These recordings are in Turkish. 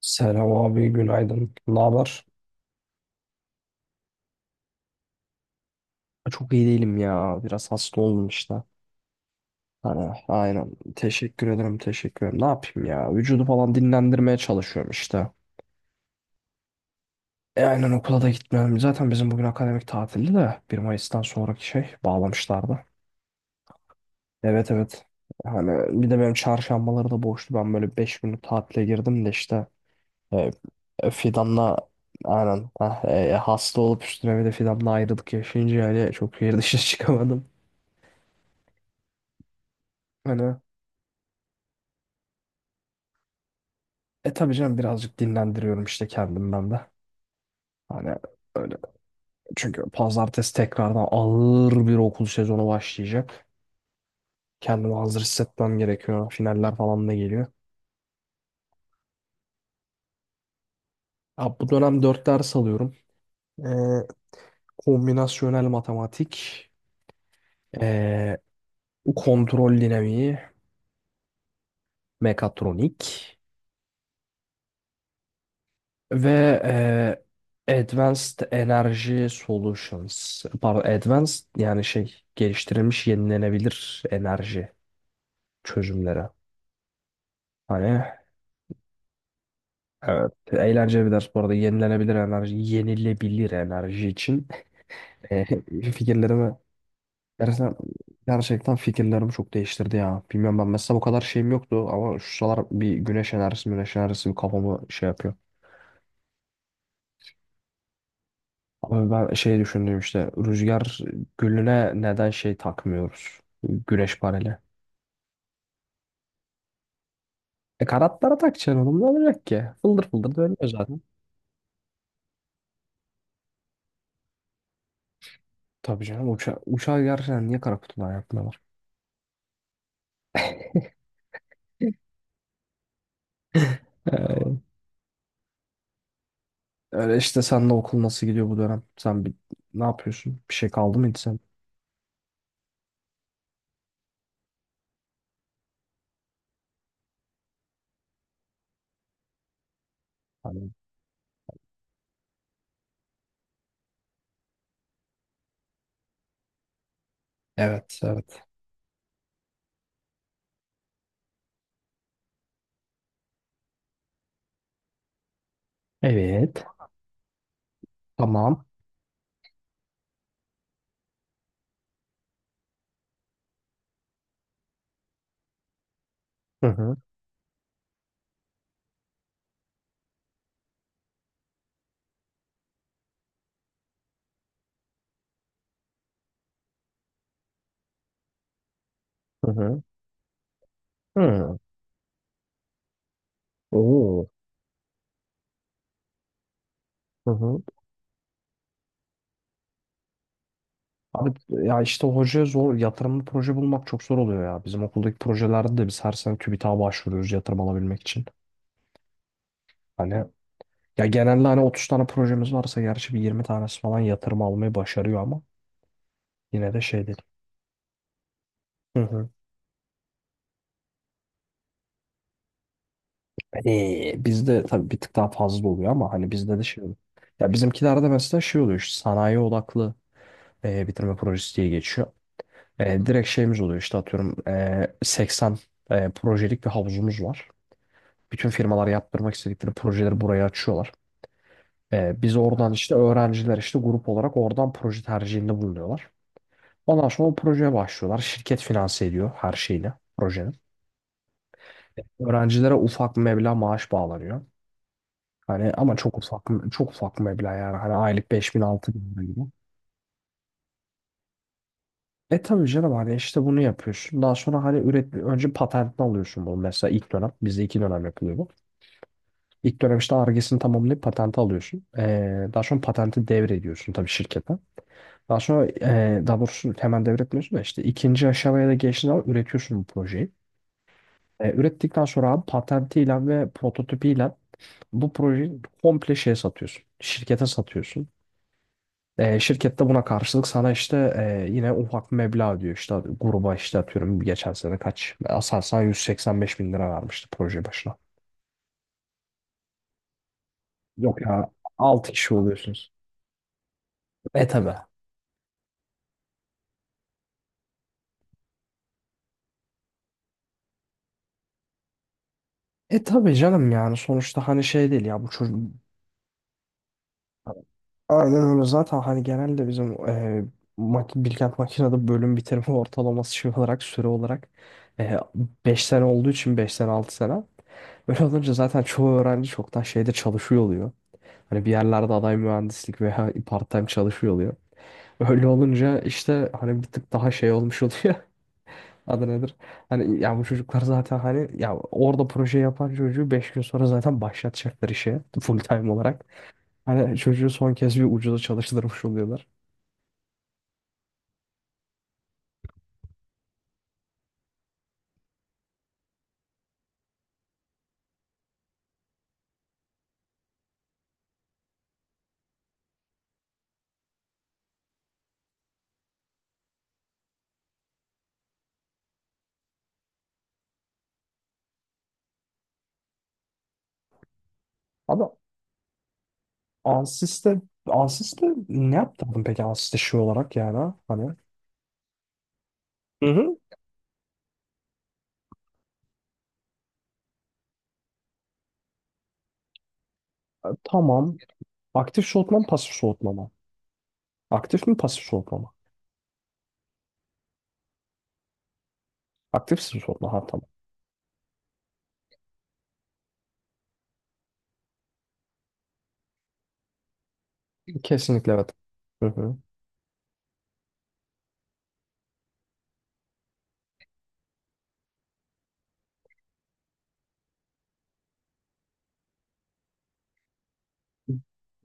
Selam abi, günaydın. Ne haber? Çok iyi değilim ya. Biraz hasta oldum işte. Hani aynen. Teşekkür ederim, teşekkür ederim. Ne yapayım ya? Vücudu falan dinlendirmeye çalışıyorum işte. E aynen okula da gitmiyorum. Zaten bizim bugün akademik tatildi de bir Mayıs'tan sonraki şey bağlamışlardı. Evet evet. Hani bir de benim çarşambaları da boştu. Ben böyle 5 günlük tatile girdim de işte e, Fidan'la aynen ha, hasta olup üstüne bir de Fidan'la ayrılık yaşayınca yani çok bir dışına çıkamadım. Hani. E tabii canım birazcık dinlendiriyorum işte kendimden de. Hani öyle. Çünkü pazartesi tekrardan ağır bir okul sezonu başlayacak. Kendimi hazır hissetmem gerekiyor. Finaller falan da geliyor. Ya bu dönem dört ders alıyorum. E, kombinasyonel matematik, e, kontrol dinamiği, mekatronik ve Advanced Energy Solutions. Pardon, Advanced yani şey geliştirilmiş yenilenebilir enerji çözümleri. Hani evet eğlenceli bir ders bu arada yenilenebilir enerji, yenilebilir enerji için e, fikirlerimi gerçekten, gerçekten fikirlerimi çok değiştirdi ya. Bilmiyorum ben mesela bu kadar şeyim yoktu ama şu sıralar bir güneş enerjisi güneş enerjisi bir kafamı şey yapıyor. Ama ben şey düşündüm işte rüzgar gülüne neden şey takmıyoruz güneş paneli. E kanatlara takacaksın oğlum ne olacak ki? Fıldır fıldır dönüyor zaten. Tabii canım uçağı gerçekten niye kara kutudan yapmıyorlar? Öyle işte senle okul nasıl gidiyor bu dönem? Sen bir, ne yapıyorsun? Bir şey kaldı mıydı sen? Hani, evet, evet. Evet. Tamam. Hı hı hı hı. Hı. Oo. Hı hı. Abi ya işte hocaya zor yatırımlı proje bulmak çok zor oluyor ya. Bizim okuldaki projelerde de biz her sene TÜBİTAK'a başvuruyoruz yatırım alabilmek için. Hani ya genelde hani 30 tane projemiz varsa gerçi bir 20 tanesi falan yatırım almayı başarıyor ama yine de şey değil. Hı hı. Bizde tabii bir tık daha fazla oluyor ama hani bizde de şey oluyor. Ya bizimkilerde mesela şey oluyor işte sanayi odaklı bitirme projesi diye geçiyor. E, direkt şeyimiz oluyor işte atıyorum 80 projelik bir havuzumuz var. Bütün firmalar yaptırmak istedikleri projeleri buraya açıyorlar. E, biz oradan işte öğrenciler işte grup olarak oradan proje tercihinde bulunuyorlar. Ondan sonra o projeye başlıyorlar. Şirket finanse ediyor her şeyini projenin. Öğrencilere ufak bir meblağ maaş bağlanıyor. Hani ama çok ufak çok ufak meblağ yani hani aylık 5.000 6.000 lira gibi. E tabii canım hani işte bunu yapıyorsun. Daha sonra hani önce patentini alıyorsun bunu mesela ilk dönem. Bizde 2 dönem yapılıyor bu. İlk dönem işte Ar-Ge'sini tamamlayıp patenti alıyorsun. E, daha sonra patenti devrediyorsun tabii şirkete. Daha sonra daha doğrusu hemen devretmiyorsun da işte ikinci aşamaya da geçtiğin zaman üretiyorsun bu projeyi. E, ürettikten sonra abi patentiyle ve prototipiyle bu projeyi komple şeye satıyorsun. Şirkete satıyorsun. E, şirket buna karşılık sana işte yine ufak bir meblağ diyor. İşte gruba işte atıyorum geçen sene kaç? Aselsan 185 bin lira vermişti proje başına. Yok ya 6 kişi oluyorsunuz. E tabi. E tabi canım yani sonuçta hani şey değil ya bu çocuk aynen öyle zaten hani genelde bizim e, mak Bilkent Makina'da bölüm bitirme ortalaması şey olarak süre olarak e, 5 sene olduğu için 5 sene 6 sene öyle olunca zaten çoğu öğrenci çoktan şeyde çalışıyor oluyor. Hani bir yerlerde aday mühendislik veya part-time çalışıyor oluyor. Öyle olunca işte hani bir tık daha şey olmuş oluyor. Adı nedir? Hani ya bu çocuklar zaten hani ya orada proje yapan çocuğu 5 gün sonra zaten başlatacaklar işe full time olarak. Hani çocuğu son kez bir ucuza çalıştırmış oluyorlar. Ama Ansys'te Ansys'te ne yaptırdın peki Ansys'te şey olarak yani ha? Hani. Hı hı. Tamam aktif soğutma mı pasif soğutma mı? Aktif mi pasif soğutma mı? Aktif soğutma ha tamam. Kesinlikle evet. Hı hı.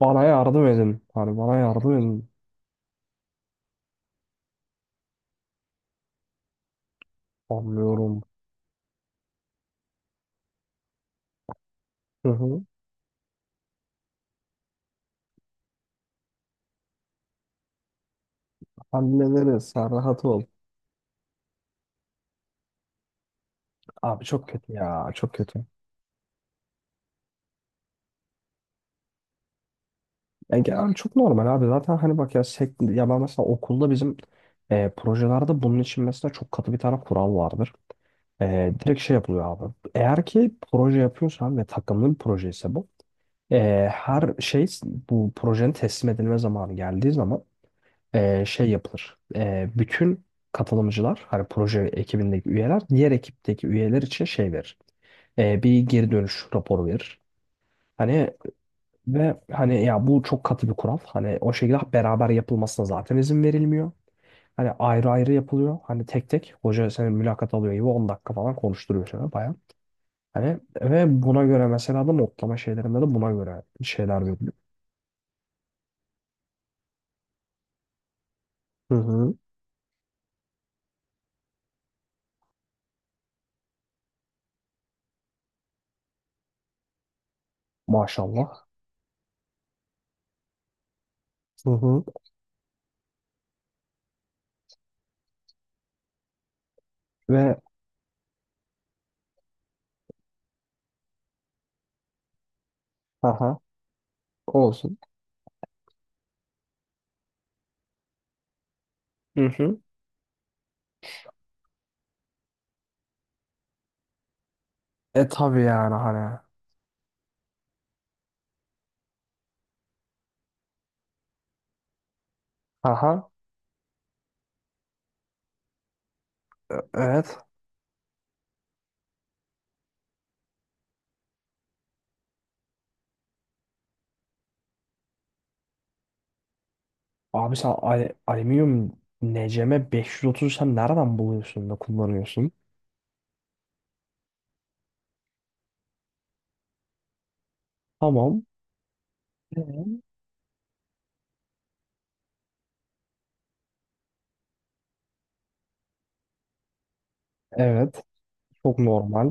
Bana yardım edin. Hani bana yardım edin. Anlıyorum. Hı hı. Hallederiz. Sen rahat ol. Abi çok kötü ya. Çok kötü. Yani genel çok normal abi. Zaten hani bak ya, ya ben mesela okulda bizim projelerde bunun için mesela çok katı bir tane kural vardır. E, direkt şey yapılıyor abi. Eğer ki proje yapıyorsan ve takımlı bir proje ise bu. Her şey bu projenin teslim edilme zamanı geldiği zaman şey yapılır. E, bütün katılımcılar, hani proje ekibindeki üyeler, diğer ekipteki üyeler için şey verir. E, bir geri dönüş raporu verir. Hani ve Hani ya bu çok katı bir kural. Hani o şekilde beraber yapılmasına zaten izin verilmiyor. Hani ayrı ayrı yapılıyor. Hani tek tek hoca seni mülakat alıyor gibi 10 dakika falan konuşturuyor sana bayağı. Hani ve buna göre mesela da notlama şeylerinde de buna göre şeyler veriliyor. Hı hı. Maşallah. Hı hı. Ve aha, olsun. Hı hı. E tabii yani hani. Aha. Evet. Abi sen alüminyum NCM 530 sen nereden buluyorsun da kullanıyorsun? Tamam. Evet. Evet. Çok normal.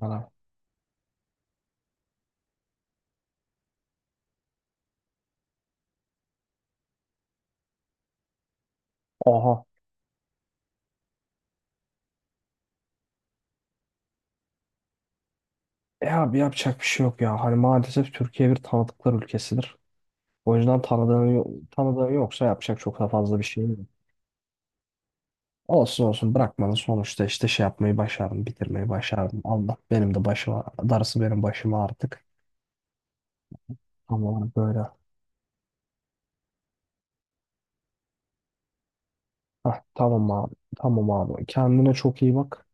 Hani, aha. E abi yapacak bir şey yok ya. Hani maalesef Türkiye bir tanıdıklar ülkesidir. O yüzden tanıdığın yoksa yapacak çok da fazla bir şey yok. Olsun olsun bırakmanın sonuçta işte şey yapmayı başardım, bitirmeyi başardım. Allah benim de başıma, darısı benim başıma artık. Ama böyle. Heh, tamam abi. Tamam abi. Kendine çok iyi bak.